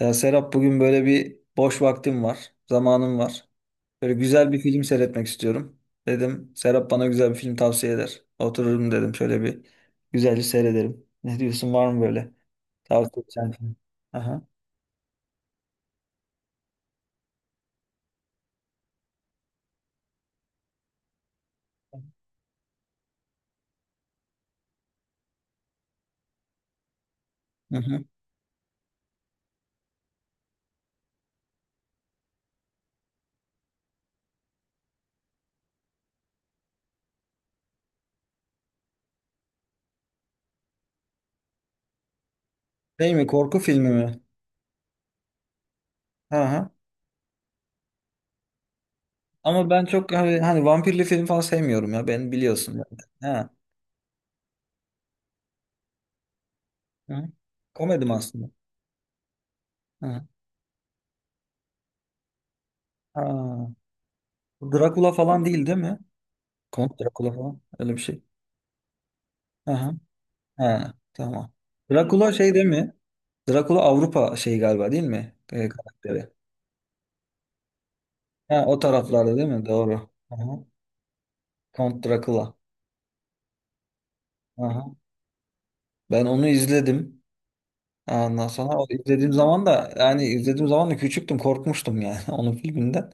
Ya Serap, bugün böyle bir boş vaktim var, zamanım var. Böyle güzel bir film seyretmek istiyorum. Dedim Serap bana güzel bir film tavsiye eder. Otururum dedim şöyle bir güzelce seyrederim. Ne diyorsun, var mı böyle tavsiye edeceğin film? Aha. Hı hı. Şey mi, korku filmi mi? Aha. Ama ben çok hani vampirli film falan sevmiyorum ya, ben biliyorsun. Yani. Ha. Hı hı. Komedim aslında. Hı hı. Ha. Drakula falan değil değil mi? Kont Drakula falan, öyle bir şey. Ha, tamam. Drakula şey değil mi? Drakula Avrupa şeyi galiba, değil mi? Karakteri. Ha, o taraflarda değil mi? Doğru. Aha. Count Dracula. Aha. Ben onu izledim. Ondan sonra o izlediğim zaman da, yani izlediğim zaman da küçüktüm, korkmuştum yani onun filminden.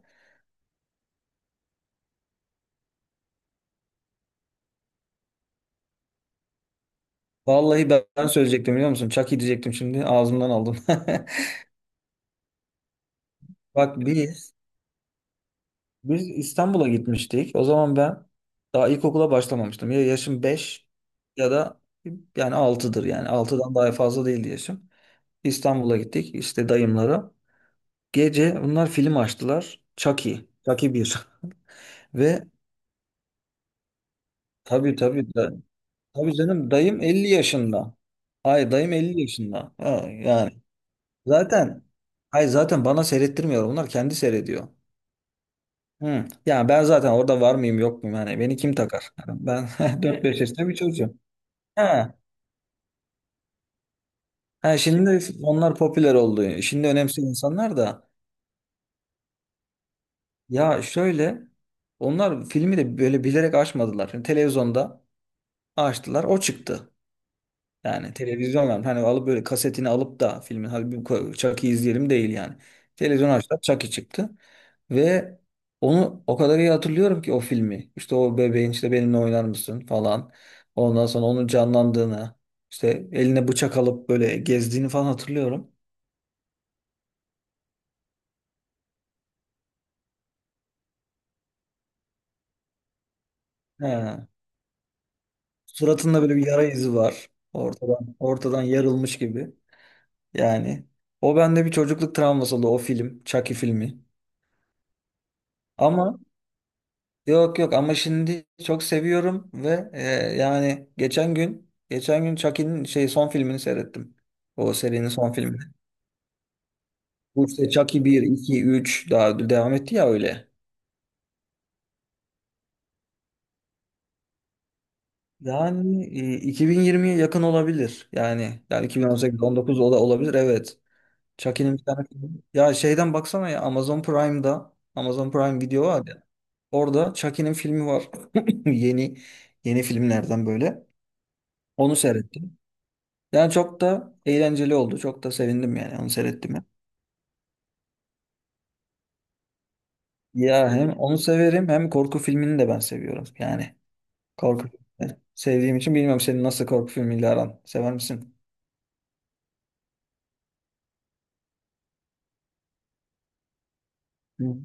Vallahi ben söyleyecektim, biliyor musun? Chucky diyecektim, şimdi ağzımdan aldım. Bak bir... Biz İstanbul'a gitmiştik. O zaman ben daha ilkokula başlamamıştım. Ya, yaşım beş ya da yani altıdır. Yani altıdan daha fazla değildi yaşım. İstanbul'a gittik işte dayımlara. Gece bunlar film açtılar. Chucky. Chucky bir... Ve tabii tabii da, tabii canım, dayım 50 yaşında. Hayır, dayım 50 yaşında. Ha, yani zaten, hayır zaten bana seyrettirmiyor. Bunlar kendi seyrediyor. Hı. Yani ben zaten orada var mıyım yok muyum? Yani beni kim takar? Yani ben dört beş yaşında bir çocuğum. Ha, ha, şimdi onlar popüler oldu. Şimdi önemsiyor insanlar da. Ya şöyle, onlar filmi de böyle bilerek açmadılar. Şimdi televizyonda açtılar, o çıktı. Yani televizyon, yani hani alıp böyle kasetini alıp da filmin, hadi bir Chucky'yi izleyelim değil yani. Televizyon açtılar, Chucky çıktı ve onu o kadar iyi hatırlıyorum ki o filmi. İşte o bebeğin, işte benimle oynar mısın falan. Ondan sonra onun canlandığını, işte eline bıçak alıp böyle gezdiğini falan hatırlıyorum. He. Suratında böyle bir yara izi var. Ortadan yarılmış gibi. Yani o bende bir çocukluk travması oldu, o film, Chucky filmi. Ama yok yok, ama şimdi çok seviyorum ve yani geçen gün Chucky'nin şey son filmini seyrettim. O serinin son filmini. Bu işte Chucky bir 2 3 daha devam etti ya, öyle. Yani 2020'ye yakın olabilir. Yani 2018, 19 olabilir, evet. Chucky'nin bir tane filmi... Ya şeyden baksana ya, Amazon Prime'da, Amazon Prime Video var ya. Orada Chucky'nin filmi var. Yeni yeni filmlerden böyle. Onu seyrettim. Yani çok da eğlenceli oldu. Çok da sevindim yani, onu seyrettim. Ya hem onu severim hem korku filmini de ben seviyorum. Yani korku filmini sevdiğim için bilmiyorum, senin nasıl korku filmiyle aran. Sever misin? Hı.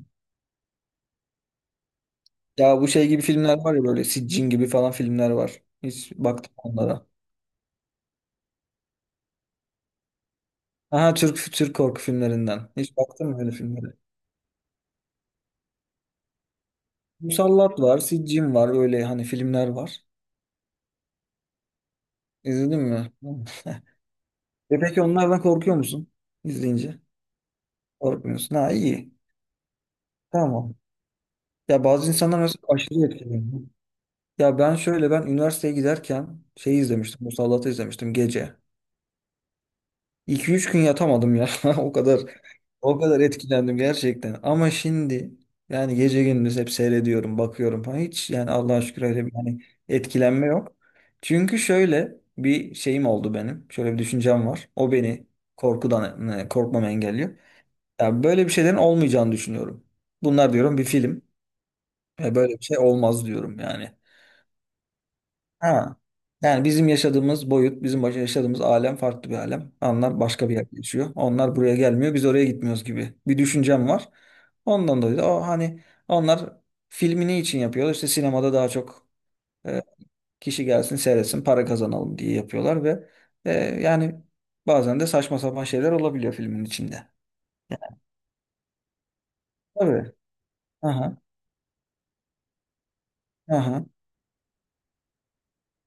Ya bu şey gibi filmler var ya, böyle Siccin gibi falan filmler var. Hiç baktım onlara. Aha, Türk Türk korku filmlerinden. Hiç baktın mı öyle filmlere? Musallat var, Siccin var, öyle hani filmler var. İzledin mi? Hı. E peki onlardan korkuyor musun izleyince? Korkmuyorsun. Ha, iyi. Tamam. Ya bazı insanlar mesela aşırı etkileniyor. Ya ben şöyle, ben üniversiteye giderken şey izlemiştim. Musallat'ı izlemiştim gece. 2 üç gün yatamadım ya. O kadar o kadar etkilendim gerçekten. Ama şimdi yani gece gündüz hep seyrediyorum, bakıyorum falan. Hiç yani Allah'a şükür öyle bir hani etkilenme yok. Çünkü şöyle bir şeyim oldu benim. Şöyle bir düşüncem var. O beni korkudan korkmamı engelliyor. Ya böyle bir şeylerin olmayacağını düşünüyorum. Bunlar diyorum bir film. Böyle bir şey olmaz diyorum yani. Ha. Yani bizim yaşadığımız boyut, bizim yaşadığımız alem farklı bir alem. Onlar başka bir yerde yaşıyor. Onlar buraya gelmiyor, biz oraya gitmiyoruz gibi bir düşüncem var. Ondan dolayı da o hani, onlar filmini için yapıyorlar. İşte sinemada daha çok e, kişi gelsin, seyretsin, para kazanalım diye yapıyorlar ve e, yani bazen de saçma sapan şeyler olabiliyor filmin içinde. Tabii. Aha, aha,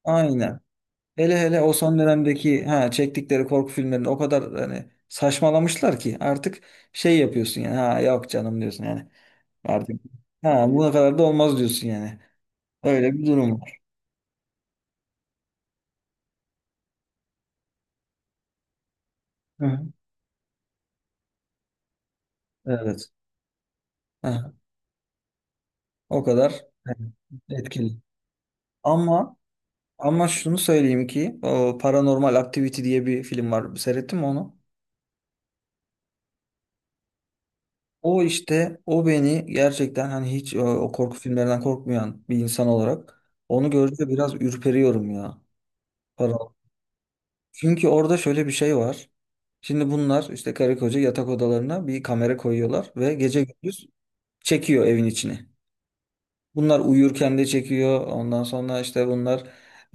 aynen. Hele hele o son dönemdeki ha çektikleri korku filmlerinde o kadar hani saçmalamışlar ki artık şey yapıyorsun yani, ha yok canım diyorsun yani, artık ha buna kadar da olmaz diyorsun yani. Öyle bir durum var. Hı hı. Evet. Ha, o kadar evet, etkili. Ama ama şunu söyleyeyim ki o Paranormal Activity diye bir film var. Seyrettin mi onu? O işte o beni gerçekten hani hiç o korku filmlerinden korkmayan bir insan olarak onu gördüğümde biraz ürperiyorum ya. Çünkü orada şöyle bir şey var. Şimdi bunlar işte karı koca yatak odalarına bir kamera koyuyorlar ve gece gündüz çekiyor evin içini. Bunlar uyurken de çekiyor. Ondan sonra işte bunlar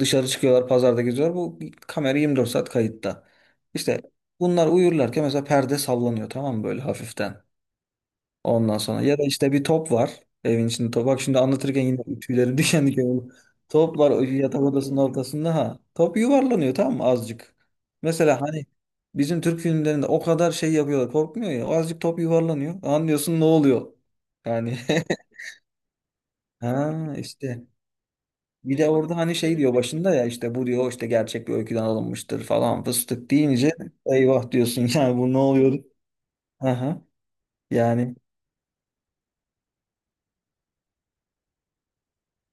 dışarı çıkıyorlar, pazarda geziyorlar. Bu kamera 24 saat kayıtta. İşte bunlar uyurlarken mesela perde sallanıyor, tamam mı, böyle hafiften. Ondan sonra ya da işte bir top var evin içinde. Top. Bak şimdi anlatırken yine tüylerim diken diken oldu. Top var o yatak odasının ortasında ha. Top yuvarlanıyor, tamam mı, azıcık. Mesela hani bizim Türk filmlerinde o kadar şey yapıyorlar, korkmuyor ya. Azıcık top yuvarlanıyor. Anlıyorsun ne oluyor. Yani ha işte. Bir de orada hani şey diyor başında ya, işte bu diyor, işte gerçek bir öyküden alınmıştır falan fıstık deyince, eyvah diyorsun yani, bu ne oluyor? Aha. Yani.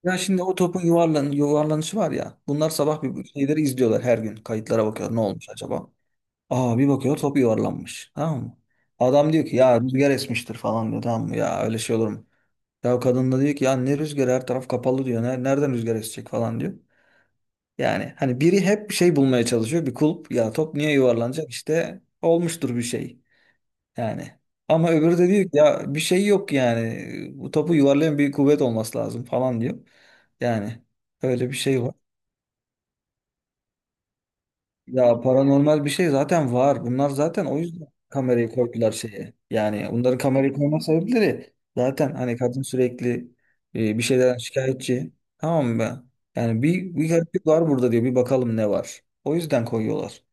Ya şimdi o topun yuvarlan yuvarlanışı var ya. Bunlar sabah bir şeyleri izliyorlar her gün. Kayıtlara bakıyor. Ne olmuş acaba? Aa, bir bakıyor, top yuvarlanmış. Tamam mı? Adam diyor ki ya rüzgar esmiştir falan diyor. Tamam mı? Ya öyle şey olur mu? Ya kadın da diyor ki ya, ne rüzgar, her taraf kapalı diyor. Nereden rüzgar esecek falan diyor. Yani hani biri hep bir şey bulmaya çalışıyor. Bir kulp, ya top niye yuvarlanacak, işte olmuştur bir şey. Yani. Ama öbürü de diyor ki ya bir şey yok yani. Bu topu yuvarlayan bir kuvvet olması lazım falan diyor. Yani öyle bir şey var. Ya paranormal bir şey zaten var. Bunlar zaten o yüzden kamerayı koydular şeye. Yani onların kamerayı koyma sebepleri zaten hani, kadın sürekli bir şeyden şikayetçi. Tamam mı? Yani bir gariplik var burada diyor. Bir bakalım ne var. O yüzden koyuyorlar.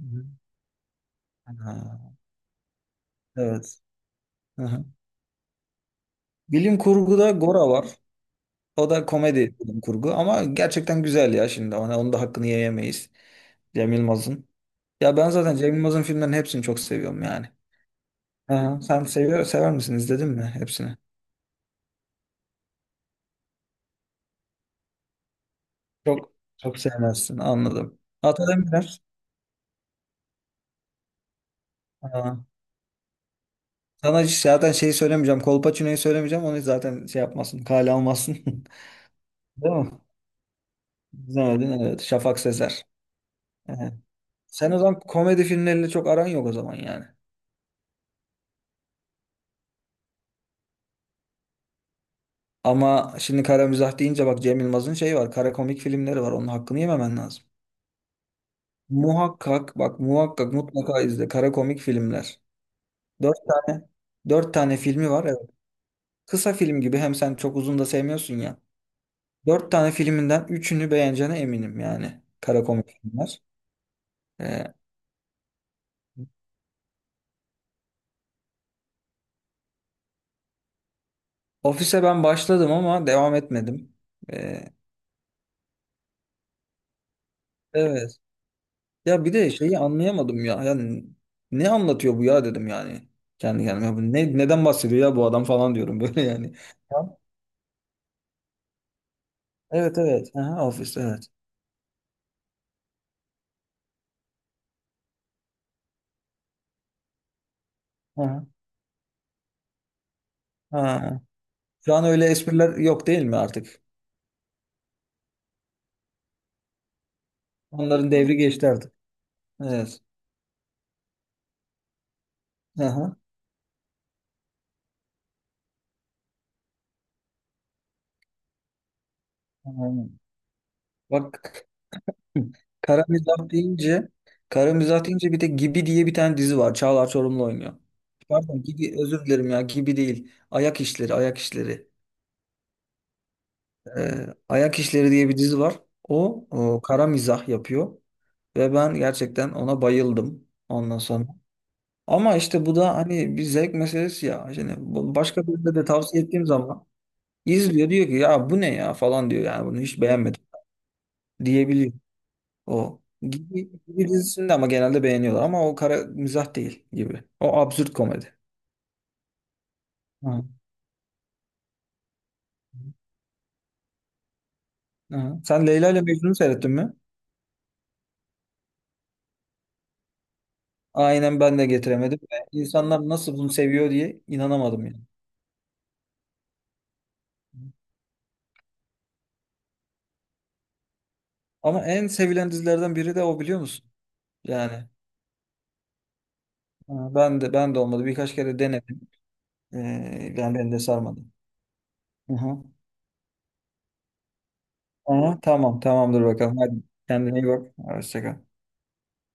Hı. Ha, evet. Hı hı. Bilim kurguda Gora var. O da komedi bilim kurgu ama gerçekten güzel ya şimdi. Ona, onun da hakkını yiyemeyiz. Cem Yılmaz'ın. Ya ben zaten Cem Yılmaz'ın filmlerini hepsini çok seviyorum yani. Aha, sen seviyor, sever misin? İzledin mi hepsini? Çok sevmezsin anladım. Atademirler. Aa, sana hiç zaten şeyi söylemeyeceğim. Kolpaçino'yu söylemeyeceğim. Onu zaten şey yapmasın. Kale almazsın. Değil mi? İzlemedin, evet. Şafak Sezer. Evet. Sen o zaman komedi filmleriyle çok aran yok o zaman yani. Ama şimdi kara mizah deyince bak, Cem Yılmaz'ın şeyi var. Kara komik filmleri var. Onun hakkını yememen lazım. Muhakkak bak, muhakkak mutlaka izle. Kara komik filmler. Dört tane dört tane filmi var. Evet. Kısa film gibi, hem sen çok uzun da sevmiyorsun ya. Dört tane filminden üçünü beğeneceğine eminim yani. Kara komik filmler. Ee, Ofise ben başladım ama devam etmedim. Ee, evet. Ya bir de şeyi anlayamadım ya. Yani ne anlatıyor bu ya dedim yani. Kendi kendime. Bu ne, neden bahsediyor ya bu adam falan diyorum böyle yani. Ya, evet evet. Aha, ofis evet. Aha, aha. Şu an öyle espriler yok değil mi artık? Onların devri geçti artık. Evet. Aha. Aynen. Bak, kara mizah deyince kara mizah deyince bir de Gibi diye bir tane dizi var. Çağlar Çorumlu oynuyor. Pardon Gibi, özür dilerim ya Gibi değil. Ayak işleri, ayak işleri. Ayak İşleri diye bir dizi var. O, o kara mizah yapıyor ve ben gerçekten ona bayıldım ondan sonra. Ama işte bu da hani bir zevk meselesi ya. Şimdi başka birine de tavsiye ettiğim zaman izliyor, diyor ki ya bu ne ya falan diyor, yani bunu hiç beğenmedim diyebiliyor o. Gibi, gibi dizisinde ama genelde beğeniyorlar, ama o kara mizah değil gibi. O absürt komedi. Hı. Hı. Sen Leyla ile Mecnun'u seyrettin mi? Aynen, ben de getiremedim. İnsanlar nasıl bunu seviyor diye inanamadım yani. Ama en sevilen dizilerden biri de o, biliyor musun? Yani ha, ben de olmadı. Birkaç kere denedim. Ee, yani beni de sarmadı. Aha. Aha, tamam, tamamdır bakalım. Hadi kendine iyi bak. Hoşça kal.